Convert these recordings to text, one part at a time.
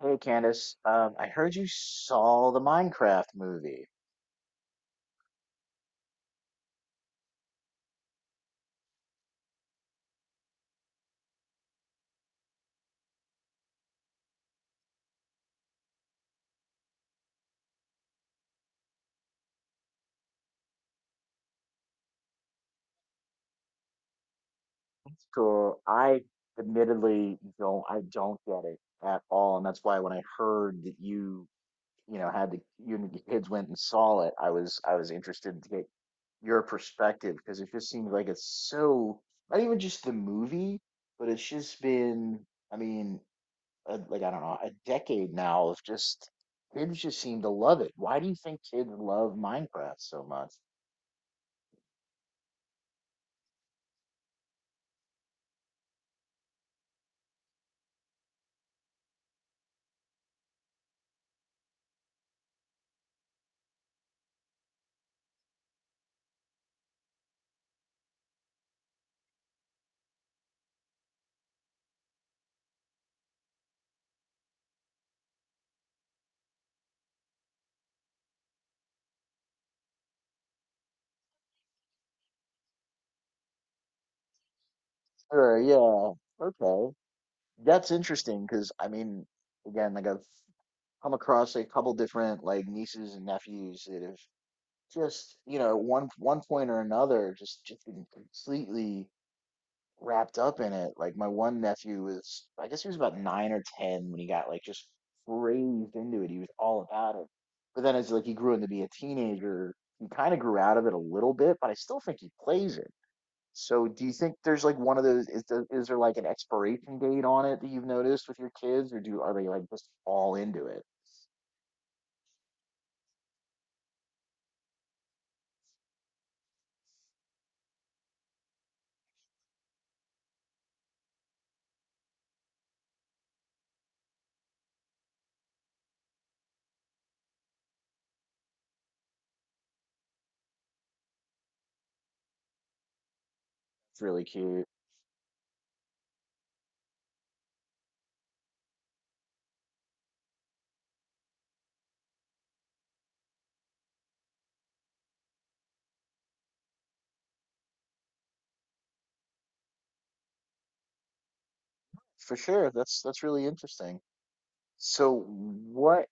Hey Candace, I heard you saw the Minecraft movie. Cool. I admittedly don't, I don't get it at all, and that's why when I heard that you know, had the you and your kids went and saw it, I was interested to get your perspective because it just seems like it's so not even just the movie, but it's just been, I mean, a, like I don't know, a decade now of just kids just seem to love it. Why do you think kids love Minecraft so much? Sure, yeah. Okay. That's interesting because like I've come across a couple different like nieces and nephews that have just, you know, 1 1 point or another just been completely wrapped up in it. Like my one nephew was, I guess he was about nine or ten when he got like just raised into it. He was all about it. But then as like he grew into be a teenager, he kind of grew out of it a little bit, but I still think he plays it. So do you think there's like one of those is is there like an expiration date on it that you've noticed with your kids or do are they like just all into it? It's really cute. For sure. That's really interesting. So what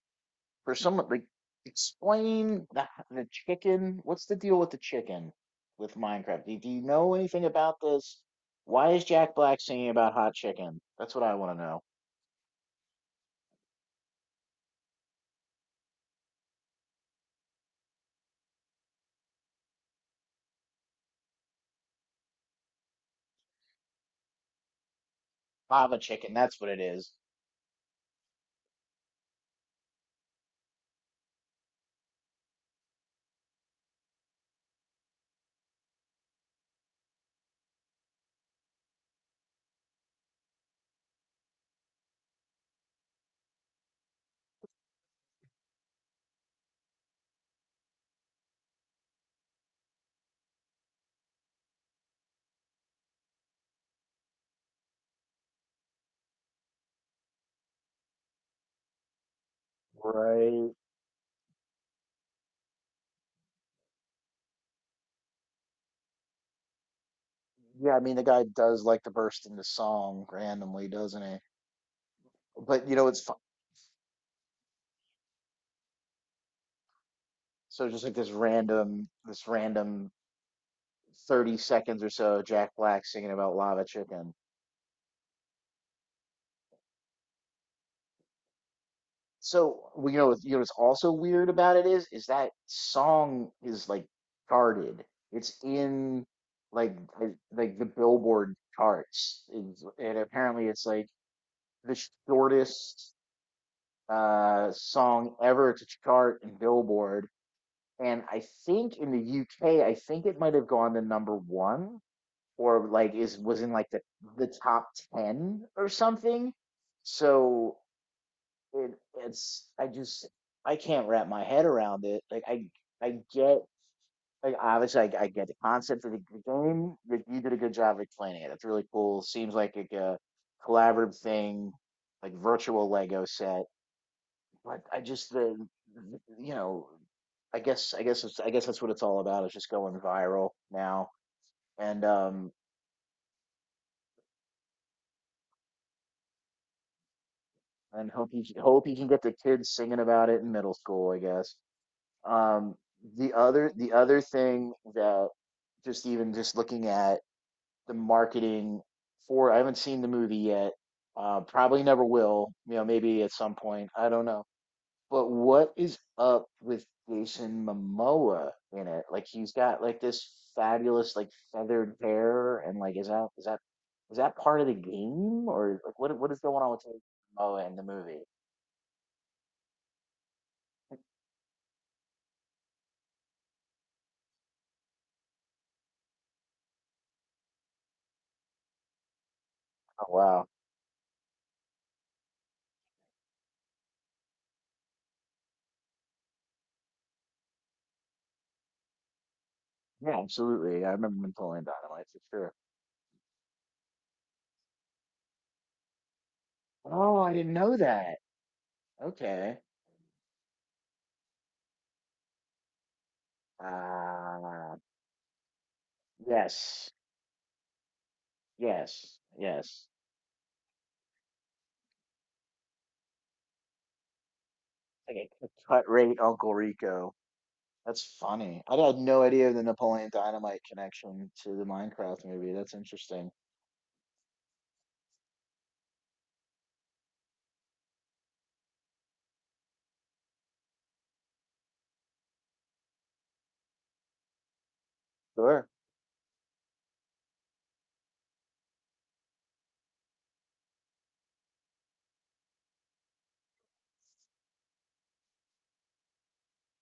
for someone like explain the chicken, what's the deal with the chicken with Minecraft? Do you know anything about this? Why is Jack Black singing about hot chicken? That's what I want to know. Lava chicken, that's what it is. Right. Yeah, I mean the guy does like to burst into song randomly, doesn't he? But you know it's fun. So just like this random 30 seconds or so, of Jack Black singing about lava chicken. So well, you know, you know what's also weird about it is that song is like charted. It's in like the Billboard charts. And apparently it's like the shortest song ever to chart in Billboard, and I think in the UK, I think it might have gone to number one or like is was in like the top ten or something. So it it's I just I can't wrap my head around it. Like I get like obviously I get the concept of the game. But you did a good job of explaining it. It's really cool. Seems like a collaborative thing, like virtual Lego set. But I just the you know I guess it's that's what it's all about. It's just going viral now, and um and hope you can get the kids singing about it in middle school. I guess. Um, the other thing that just even just looking at the marketing for I haven't seen the movie yet. Probably never will. You know, maybe at some point. I don't know. But what is up with Jason Momoa in it? Like he's got like this fabulous like feathered hair and like is that part of the game or like what is going on with Jason Momoa in the movie? Oh wow. Yeah, absolutely. I remember him pulling dynamite for sure. Oh, I didn't know that. Okay. Uh, yes. Yes. Yes. Like a cut rate Uncle Rico. That's funny. I had no idea the Napoleon Dynamite connection to the Minecraft movie. That's interesting. Sure.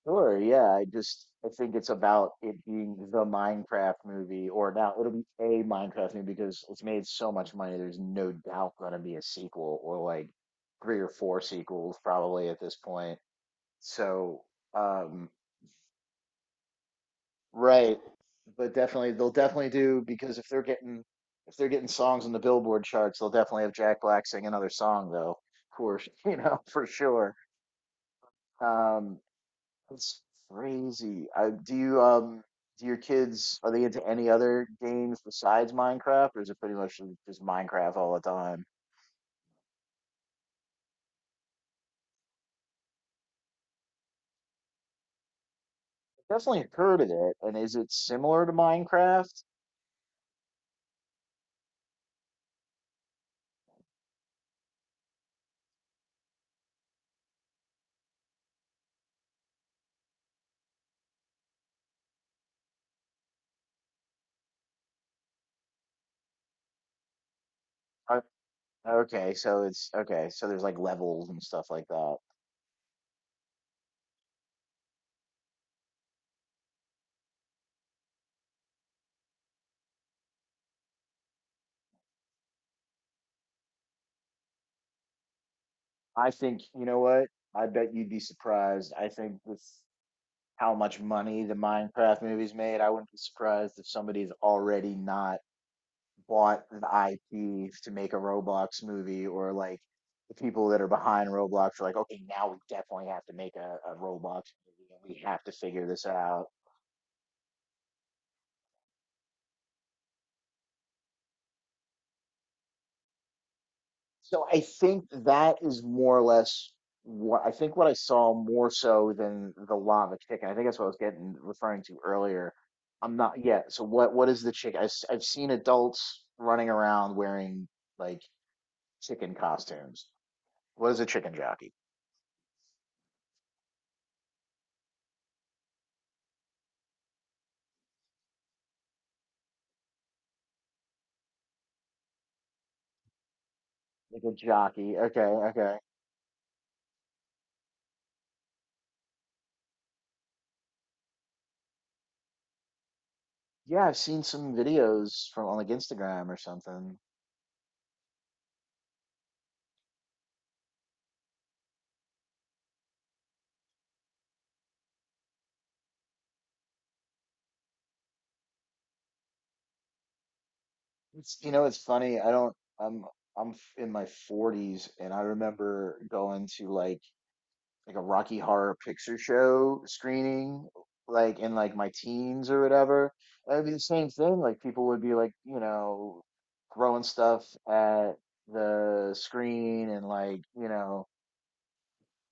Sure. Yeah. I think it's about it being the Minecraft movie, or now it'll be a Minecraft movie because it's made so much money. There's no doubt going to be a sequel or like three or four sequels probably at this point. So, um, right. But definitely they'll definitely do because if they're getting songs in the Billboard charts, they'll definitely have Jack Black sing another song though, for for sure. Um it's crazy. Do you do your kids are they into any other games besides Minecraft or is it pretty much just Minecraft all the time? Definitely heard of it. And is it similar to Minecraft? I, okay, so it's Okay, so there's like levels and stuff like that. I think, you know what? I bet you'd be surprised. I think with how much money the Minecraft movies made, I wouldn't be surprised if somebody's already not bought the IP to make a Roblox movie or like the people that are behind Roblox are like, okay, now we definitely have to make a Roblox movie and we have to figure this out. So I think that is more or less what I saw more so than the lava chicken. I think that's what I was getting referring to earlier. I'm not yeah. So what is the chicken? I've seen adults running around wearing like chicken costumes. What is a chicken jockey? Like a jockey. Okay, okay. Yeah, I've seen some videos from on like Instagram or something. It's you know it's funny. I don't. I'm in my 40s and I remember going to like a Rocky Horror Picture Show screening, like in like my teens or whatever. It would be the same thing. Like people would be like, you know, throwing stuff at the screen and like, you know,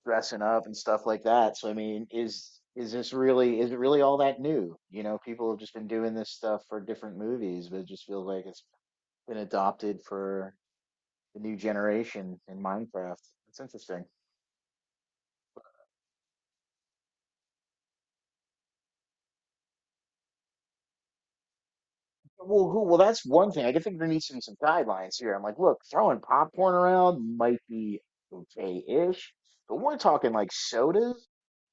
dressing up and stuff like that. So I mean, is this really is it really all that new? You know, people have just been doing this stuff for different movies, but it just feels like it's been adopted for the new generation in Minecraft. It's interesting. Well, that's one thing. I can think there needs to be some guidelines here. I'm like, look, throwing popcorn around might be okay-ish, but we're talking like sodas.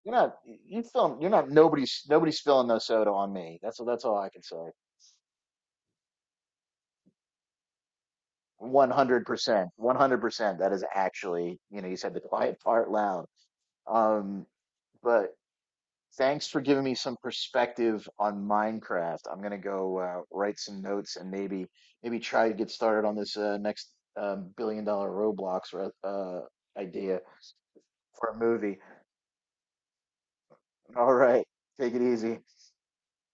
You're not, you're not, nobody's spilling no soda on me. That's all I can say. 100%, 100%. That is actually, you know, you said the quiet part loud. Um, but Thanks for giving me some perspective on Minecraft. I'm gonna go write some notes and maybe maybe try to get started on this next billion-dollar Roblox idea for a movie. All right, take it easy.